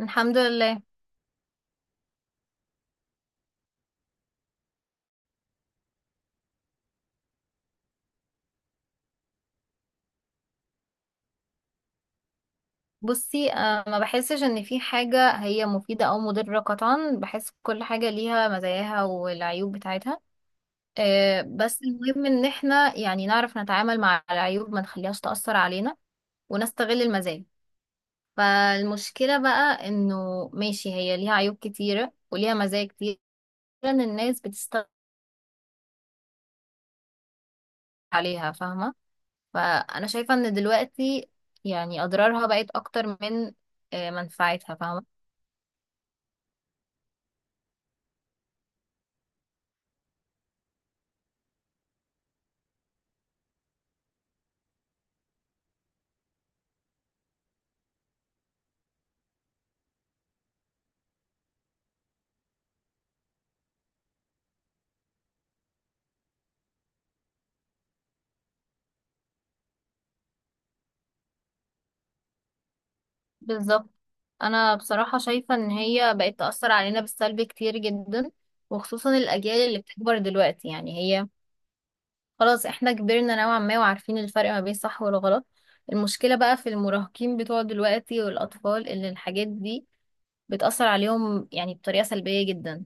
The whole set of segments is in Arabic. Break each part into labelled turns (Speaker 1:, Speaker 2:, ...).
Speaker 1: الحمد لله. بصي، ما بحسش ان في حاجة هي مفيدة او مضرة قطعا. بحس كل حاجة ليها مزاياها والعيوب بتاعتها. بس المهم ان احنا يعني نعرف نتعامل مع العيوب، ما نخليهاش تأثر علينا، ونستغل المزايا. فالمشكلة بقى انه، ماشي، هي ليها عيوب كتيرة وليها مزايا كتيرة، ان الناس بتستغل عليها، فاهمة؟ فانا شايفة ان دلوقتي يعني اضرارها بقت اكتر من منفعتها، فاهمة؟ بالظبط، انا بصراحة شايفة ان هي بقت تأثر علينا بالسلب كتير جدا، وخصوصا الاجيال اللي بتكبر دلوقتي يعني. هي خلاص احنا كبرنا نوعا ما وعارفين الفرق ما بين الصح والغلط. المشكلة بقى في المراهقين بتوع دلوقتي والاطفال، اللي الحاجات دي بتأثر عليهم يعني بطريقة سلبية جدا.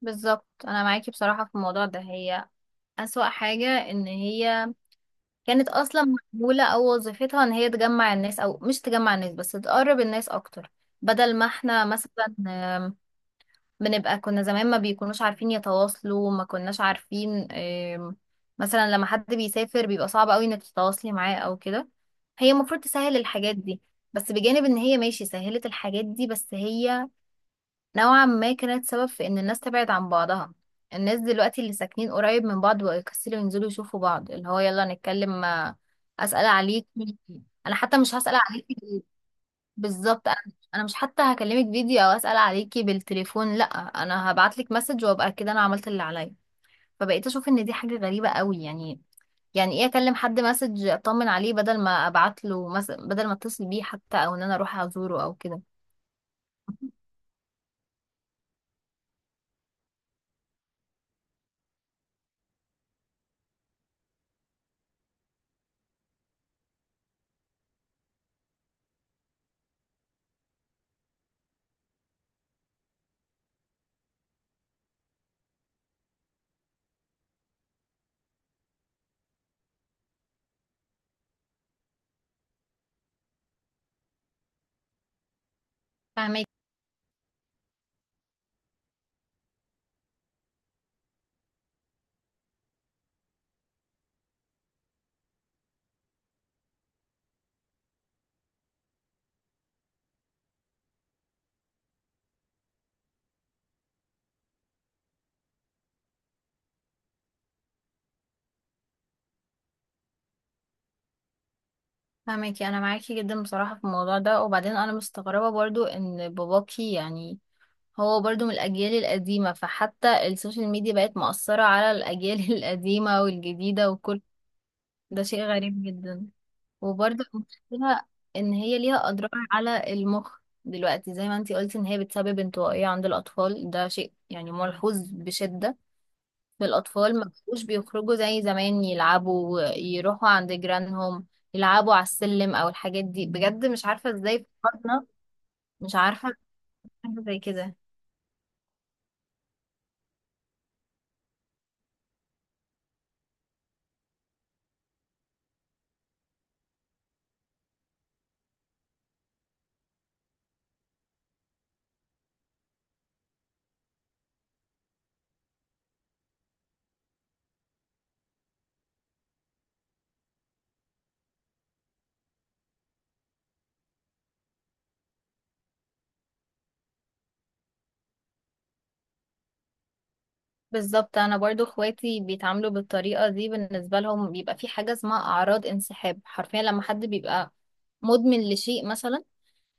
Speaker 1: بالظبط، انا معاكي بصراحة في الموضوع ده، هي أسوأ حاجة ان هي كانت اصلا معموله او وظيفتها ان هي تجمع الناس، او مش تجمع الناس بس تقرب الناس اكتر. بدل ما احنا مثلا بنبقى، كنا زمان ما بيكونوش عارفين يتواصلوا، ما كناش عارفين مثلا لما حد بيسافر بيبقى صعب قوي انك تتواصلي معاه او كده. هي المفروض تسهل الحاجات دي، بس بجانب ان هي ماشي سهلت الحاجات دي، بس هي نوعا ما كانت سبب في ان الناس تبعد عن بعضها. الناس دلوقتي اللي ساكنين قريب من بعض بقوا يكسلوا ينزلوا يشوفوا بعض، اللي هو يلا نتكلم، اسال عليك. انا حتى مش هسال عليكي بالظبط، انا مش حتى هكلمك فيديو او اسال عليكي بالتليفون، لا، انا هبعت لك مسج وابقى كده انا عملت اللي عليا. فبقيت اشوف ان دي حاجه غريبه قوي يعني ايه اكلم حد مسج اطمن عليه بدل ما ابعت له مس... بدل ما اتصل بيه حتى او ان انا اروح ازوره او كده. فاهمك. فاهمكي، انا معاكي جدا بصراحه في الموضوع ده. وبعدين انا مستغربه برضو ان باباكي يعني هو برضو من الاجيال القديمه، فحتى السوشيال ميديا بقت مؤثره على الاجيال القديمه والجديده وكل ده شيء غريب جدا. وبرضو المشكله ان هي ليها اضرار على المخ دلوقتي، زي ما انتي قلتي ان هي بتسبب انطوائيه عند الاطفال، ده شيء يعني ملحوظ بشده. الأطفال ما بقوش بيخرجوا زي زمان يلعبوا يروحوا عند جيرانهم، يلعبوا على السلم أو الحاجات دي، بجد مش عارفة ازاي فكرنا. مش عارفة، حاجة زي كده. بالظبط. أنا برضو اخواتي بيتعاملوا بالطريقة دي، بالنسبة لهم بيبقى في حاجة اسمها أعراض انسحاب، حرفيا لما حد بيبقى مدمن لشيء مثلا،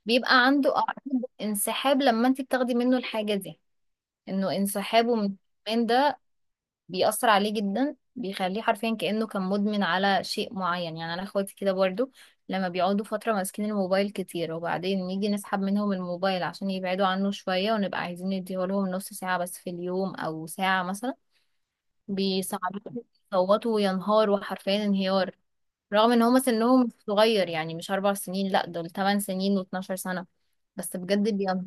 Speaker 1: بيبقى عنده أعراض انسحاب لما انت بتاخدي منه الحاجة دي، انه انسحابه من الإدمان ده بيأثر عليه جدا، بيخليه حرفيا كأنه كان مدمن على شيء معين يعني. انا اخواتي كده برضو، لما بيقعدوا فترة ماسكين الموبايل كتير وبعدين نيجي نسحب منهم الموبايل عشان يبعدوا عنه شوية ونبقى عايزين نديهولهم نص ساعة بس في اليوم او ساعة مثلا، بيصعبوا، يصوتوا وينهاروا حرفيا انهيار. رغم ان هما سنهم مش صغير، يعني مش 4 سنين، لا دول 8 سنين و12 سنة، بس بجد بيبقى.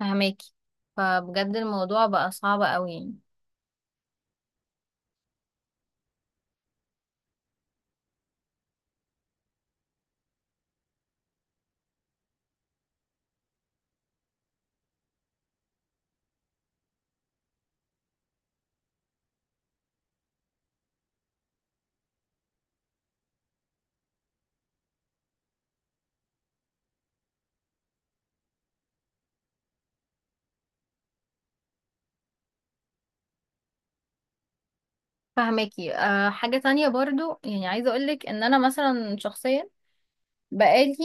Speaker 1: فهماكي، فبجد الموضوع بقى صعب قوي يعني. فهماكي. حاجة تانية برضو يعني عايزة اقولك ان انا مثلا شخصيا بقالي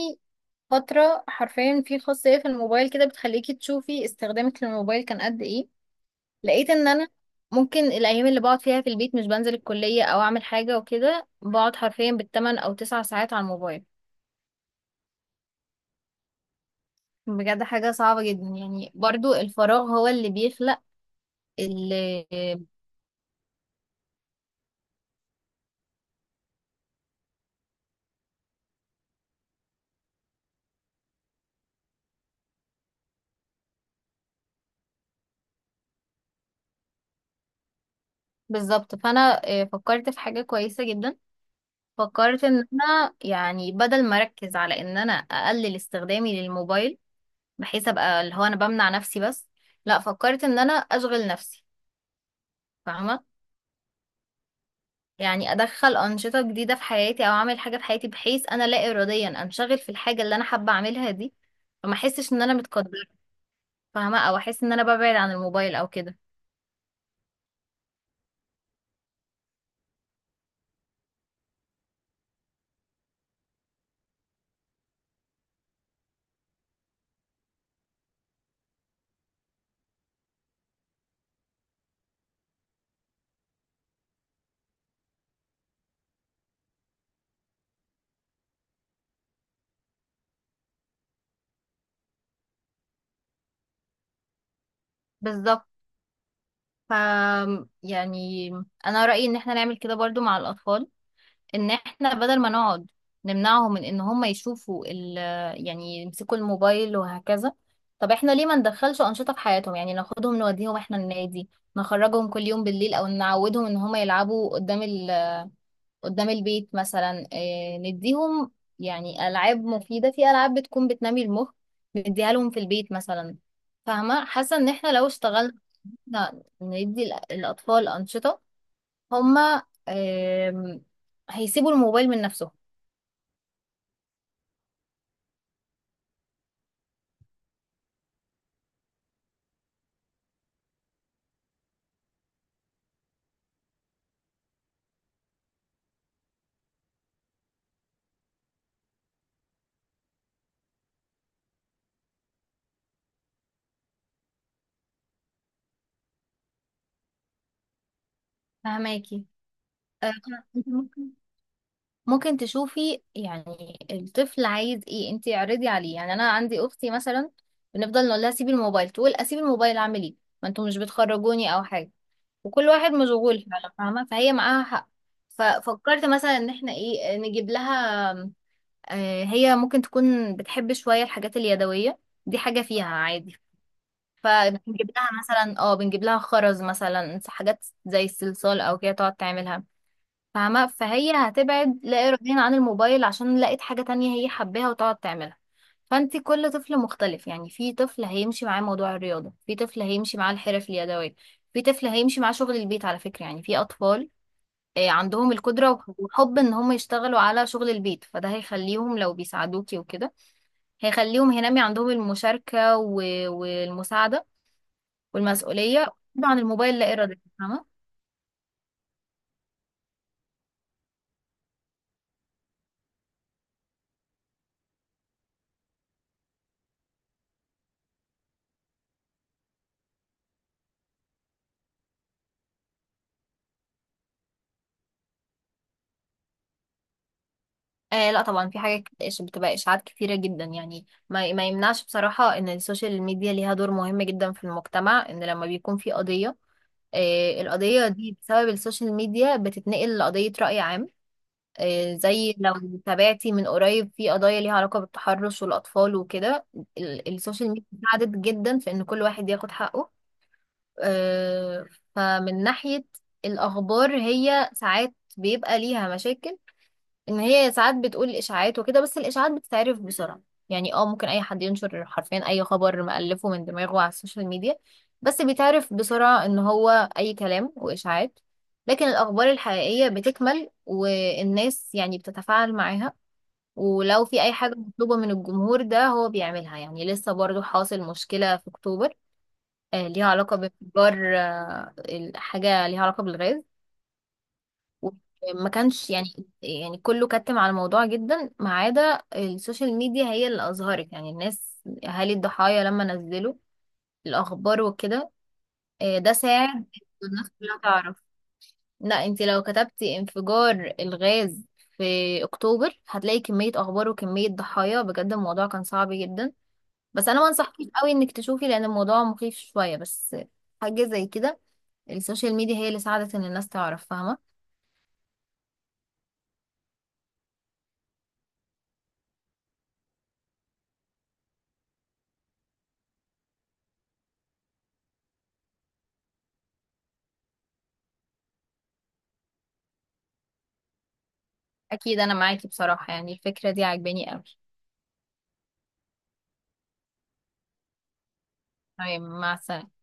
Speaker 1: فترة، حرفيا في خاصية في الموبايل كده بتخليكي تشوفي استخدامك للموبايل كان قد ايه. لقيت ان انا ممكن الايام اللي بقعد فيها في البيت، مش بنزل الكلية او اعمل حاجة وكده، بقعد حرفيا بال8 او 9 ساعات على الموبايل. بجد حاجة صعبة جدا يعني، برضو الفراغ هو اللي بيخلق ال- بالظبط. فانا فكرت في حاجة كويسة جدا. فكرت ان انا يعني بدل ما اركز على ان انا اقلل استخدامي للموبايل، بحيث ابقى اللي هو انا بمنع نفسي بس، لا فكرت ان انا اشغل نفسي، فاهمة؟ يعني ادخل انشطة جديدة في حياتي او اعمل حاجة في حياتي، بحيث انا لا اراديا انشغل في الحاجة اللي انا حابة اعملها دي، فما احسش ان انا متقدرة، فاهمة، او احس ان انا ببعد عن الموبايل او كده. بالظبط. ف يعني انا رأيي ان احنا نعمل كده برضو مع الاطفال، ان احنا بدل ما نقعد نمنعهم من ان هم يشوفوا يعني يمسكوا الموبايل وهكذا. طب احنا ليه ما ندخلش انشطه في حياتهم؟ يعني ناخدهم نوديهم احنا النادي، نخرجهم كل يوم بالليل او نعودهم ان هم يلعبوا قدام البيت مثلا، إيه نديهم يعني العاب مفيده، في العاب بتكون بتنمي المخ نديها لهم في البيت مثلا. فاهمه؟ حاسه ان احنا لو اشتغلنا ندي الاطفال انشطه، هما آم، هيسيبوا الموبايل من نفسهم. فهماكي. آه، انت ممكن تشوفي يعني الطفل عايز ايه، انت اعرضي عليه. يعني انا عندي اختي مثلا، بنفضل نقول لها سيبي الموبايل، تقول اسيب الموبايل اعمل ايه؟ ما انتوا مش بتخرجوني او حاجه، وكل واحد مشغول فعلا، فاهمه؟ فهي معاها حق. ففكرت مثلا ان احنا ايه نجيب لها. هي ممكن تكون بتحب شويه الحاجات اليدويه، دي حاجه فيها عادي. فبنجيب لها مثلا اه بنجيب لها خرز مثلا، حاجات زي الصلصال او كده تقعد تعملها، فاهمة؟ فهي هتبعد لا إراديا عن الموبايل عشان لقت حاجة تانية هي حباها وتقعد تعملها. فانت كل طفل مختلف يعني، في طفل هيمشي معاه موضوع الرياضة، في طفل هيمشي معاه الحرف اليدوية، في طفل هيمشي معاه شغل البيت على فكرة، يعني في أطفال عندهم القدرة وحب ان هم يشتغلوا على شغل البيت، فده هيخليهم لو بيساعدوكي وكده، هيخليهم هينمي عندهم المشاركة والمساعدة والمسؤولية، عن الموبايل لا إرادة، فاهمة؟ آه، لا طبعا، في حاجات بتبقى اشاعات كتيره جدا يعني، ما يمنعش بصراحه ان السوشيال ميديا ليها دور مهم جدا في المجتمع، ان لما بيكون في قضيه، القضيه دي بسبب السوشيال ميديا بتتنقل لقضيه راي عام. زي لو تابعتي من قريب في قضايا ليها علاقه بالتحرش والاطفال وكده، السوشيال ميديا ساعدت جدا في ان كل واحد ياخد حقه. آه فمن ناحيه الاخبار، هي ساعات بيبقى ليها مشاكل، ان هي ساعات بتقول اشاعات وكده، بس الاشاعات بتتعرف بسرعه. يعني ممكن اي حد ينشر حرفيا اي خبر مألفه من دماغه على السوشيال ميديا، بس بيتعرف بسرعه ان هو اي كلام واشاعات. لكن الاخبار الحقيقيه بتكمل والناس يعني بتتفاعل معاها، ولو في اي حاجه مطلوبه من الجمهور ده هو بيعملها. يعني لسه برضو حاصل مشكله في اكتوبر، ليها علاقه بانفجار، حاجه ليها علاقه بالغاز. ما كانش يعني كله كتم على الموضوع جدا ما عدا السوشيال ميديا، هي اللي اظهرت يعني الناس اهالي الضحايا لما نزلوا الاخبار وكده. ده ساعد الناس كلها تعرف. لا، انت لو كتبتي انفجار الغاز في اكتوبر هتلاقي كمية اخبار وكمية ضحايا، بجد الموضوع كان صعب جدا. بس انا ما انصحكيش قوي انك تشوفي لان الموضوع مخيف شوية، بس حاجة زي كده. السوشيال ميديا هي اللي ساعدت ان الناس تعرف، فاهمة؟ اكيد انا معاكي بصراحة، يعني الفكرة دي عجباني قوي. تمام، مع السلامة.